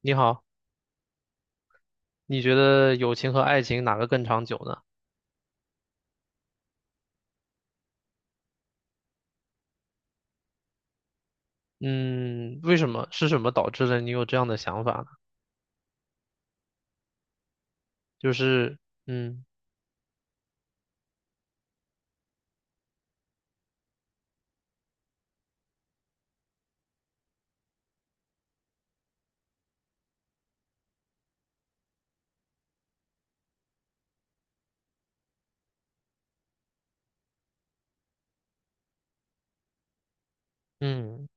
你好，你觉得友情和爱情哪个更长久呢？嗯，为什么？是什么导致了你有这样的想法呢？就是，嗯嗯，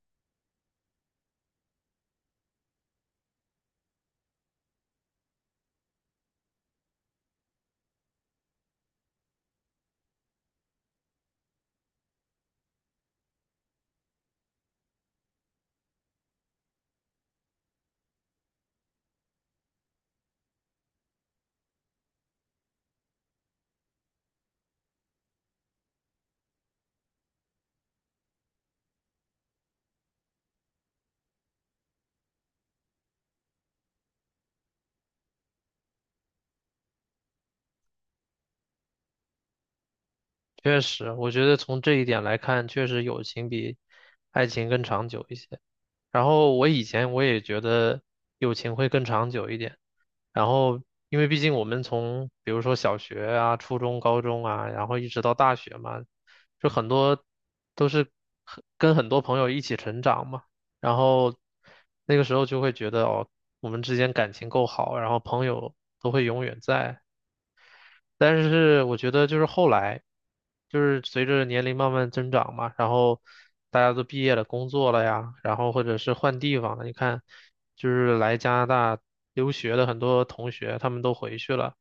确实，我觉得从这一点来看，确实友情比爱情更长久一些。然后我以前也觉得友情会更长久一点，然后因为毕竟我们从比如说小学啊、初中、高中啊，然后一直到大学嘛，就很多都是跟很多朋友一起成长嘛，然后那个时候就会觉得哦，我们之间感情够好，然后朋友都会永远在，但是我觉得就是后来，就是随着年龄慢慢增长嘛，然后大家都毕业了、工作了呀，然后或者是换地方了。你看，就是来加拿大留学的很多同学，他们都回去了。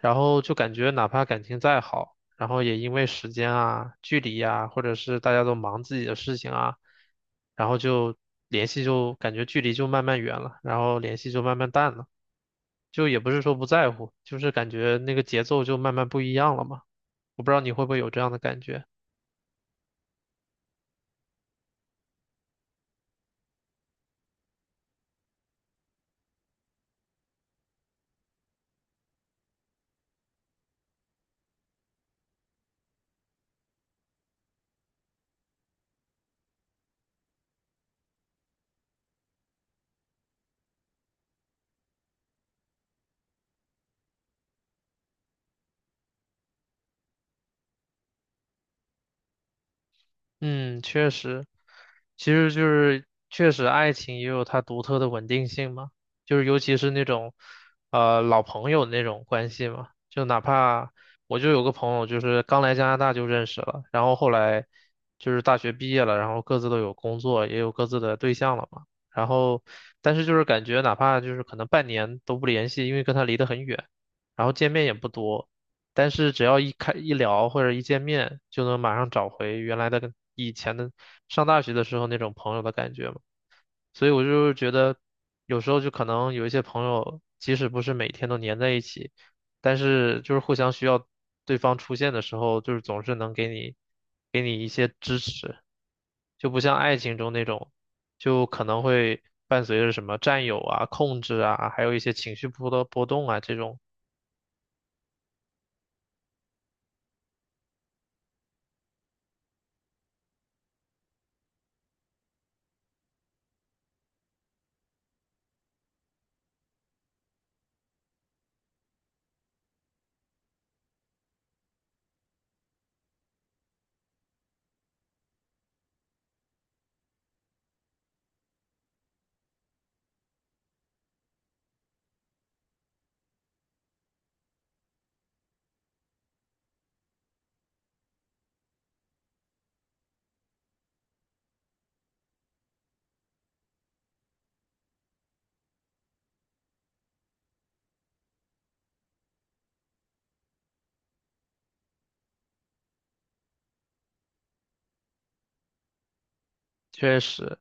然后就感觉哪怕感情再好，然后也因为时间啊、距离啊，或者是大家都忙自己的事情啊，然后就联系就感觉距离就慢慢远了，然后联系就慢慢淡了，就也不是说不在乎，就是感觉那个节奏就慢慢不一样了嘛。我不知道你会不会有这样的感觉。嗯，确实，其实就是确实，爱情也有它独特的稳定性嘛，就是尤其是那种，老朋友那种关系嘛，就哪怕我就有个朋友，就是刚来加拿大就认识了，然后后来就是大学毕业了，然后各自都有工作，也有各自的对象了嘛，然后但是就是感觉哪怕就是可能半年都不联系，因为跟他离得很远，然后见面也不多。但是只要一聊或者一见面，就能马上找回原来的跟以前的上大学的时候那种朋友的感觉嘛。所以我就是觉得，有时候就可能有一些朋友，即使不是每天都黏在一起，但是就是互相需要对方出现的时候，就是总是能给你一些支持，就不像爱情中那种，就可能会伴随着什么占有啊、控制啊，还有一些情绪波的波动啊这种。确实，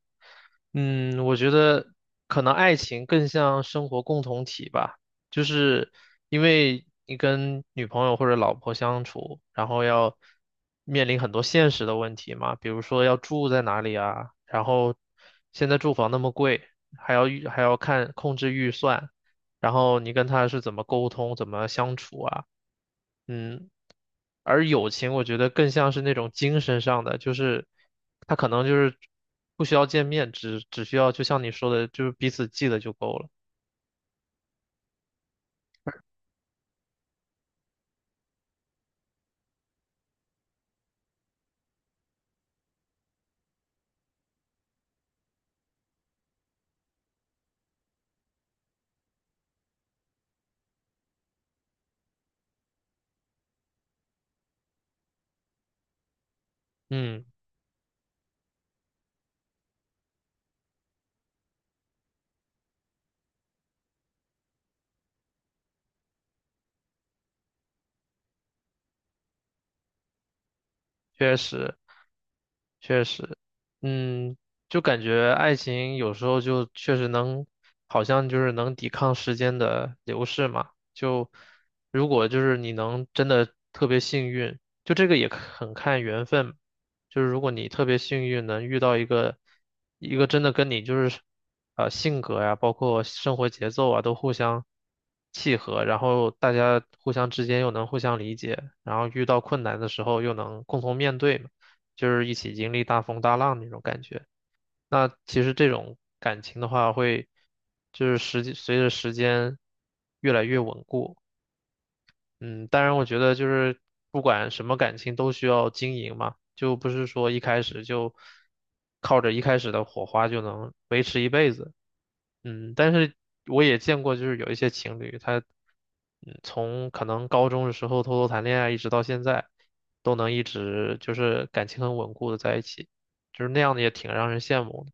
嗯，我觉得可能爱情更像生活共同体吧，就是因为你跟女朋友或者老婆相处，然后要面临很多现实的问题嘛，比如说要住在哪里啊，然后现在住房那么贵，还要看控制预算，然后你跟他是怎么沟通，怎么相处啊，嗯，而友情，我觉得更像是那种精神上的，就是他可能就是不需要见面，只需要就像你说的，就是彼此记得就够了。嗯，确实。确实，嗯，就感觉爱情有时候就确实能，好像就是能抵抗时间的流逝嘛。就如果就是你能真的特别幸运，就这个也很看缘分。就是如果你特别幸运能遇到一个真的跟你就是性格呀，包括生活节奏啊都互相契合，然后大家互相之间又能互相理解，然后遇到困难的时候又能共同面对嘛。就是一起经历大风大浪那种感觉。那其实这种感情的话会，就是时间随着时间越来越稳固。嗯，当然，我觉得就是不管什么感情都需要经营嘛，就不是说一开始就靠着一开始的火花就能维持一辈子。嗯，但是我也见过，就是有一些情侣，他从可能高中的时候偷偷谈恋爱，一直到现在，都能一直就是感情很稳固的在一起，就是那样的也挺让人羡慕的。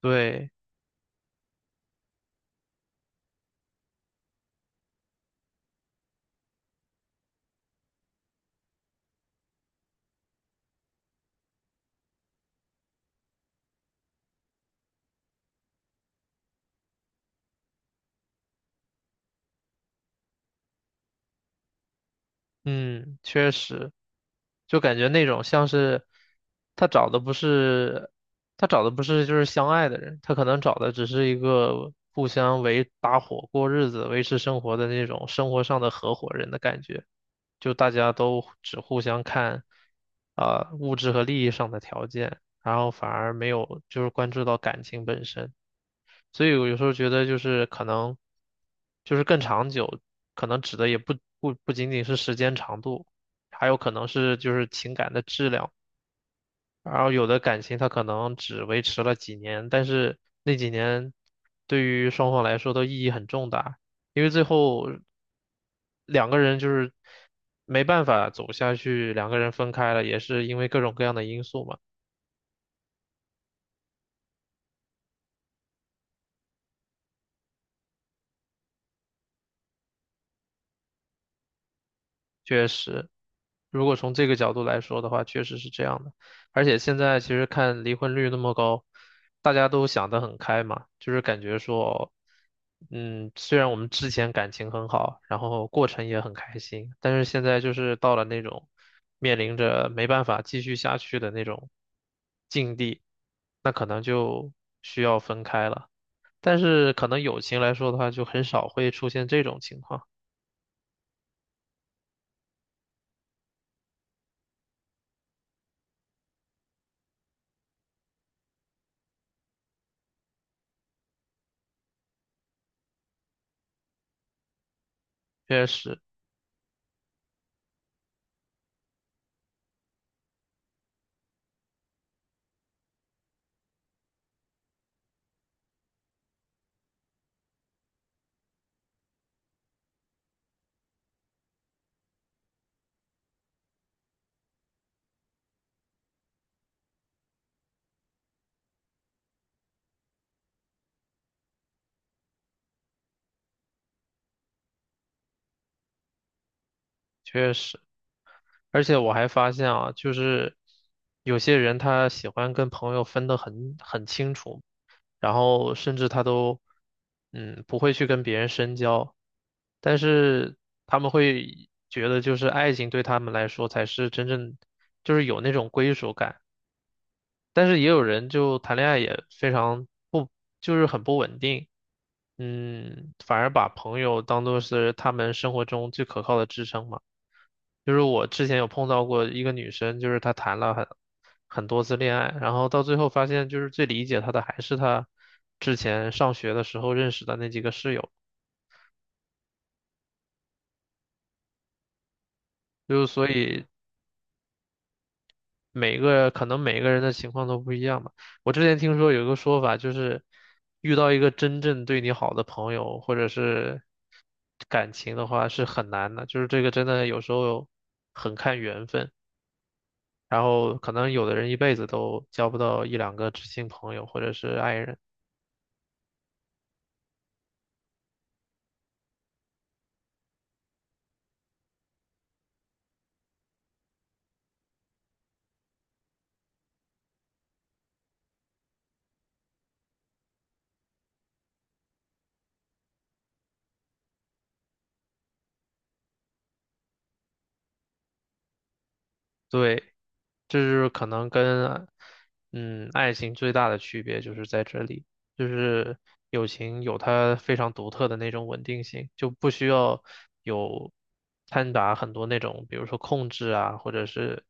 对，嗯，确实。就感觉那种像是他找的不是他找的不是就是相爱的人，他可能找的只是一个互相为搭伙过日子、维持生活的那种生活上的合伙人的感觉，就大家都只互相看啊、物质和利益上的条件，然后反而没有就是关注到感情本身。所以我有时候觉得就是可能就是更长久，可能指的也不仅仅是时间长度，还有可能是就是情感的质量。然后有的感情它可能只维持了几年，但是那几年对于双方来说都意义很重大，因为最后两个人就是没办法走下去，两个人分开了，也是因为各种各样的因素嘛。确实，如果从这个角度来说的话，确实是这样的。而且现在其实看离婚率那么高，大家都想得很开嘛，就是感觉说，嗯，虽然我们之前感情很好，然后过程也很开心，但是现在就是到了那种面临着没办法继续下去的那种境地，那可能就需要分开了。但是可能友情来说的话，就很少会出现这种情况。确实，确实。而且我还发现啊，就是有些人他喜欢跟朋友分得很清楚，然后甚至他都不会去跟别人深交，但是他们会觉得就是爱情对他们来说才是真正就是有那种归属感。但是也有人就谈恋爱也非常不，就是很不稳定，嗯，反而把朋友当做是他们生活中最可靠的支撑嘛。就是我之前有碰到过一个女生，就是她谈了很多次恋爱，然后到最后发现，就是最理解她的还是她之前上学的时候认识的那几个室友，就所以每个可能每个人的情况都不一样吧。我之前听说有一个说法，就是遇到一个真正对你好的朋友或者是感情的话是很难的，就是这个真的有时候很看缘分，然后可能有的人一辈子都交不到一两个知心朋友或者是爱人。对，这就是可能跟爱情最大的区别就是在这里，就是友情有它非常独特的那种稳定性，就不需要有掺杂很多那种，比如说控制啊，或者是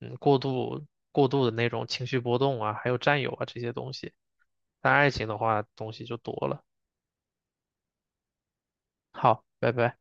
嗯过度过度的那种情绪波动啊，还有占有啊这些东西。但爱情的话，东西就多了。好，拜拜。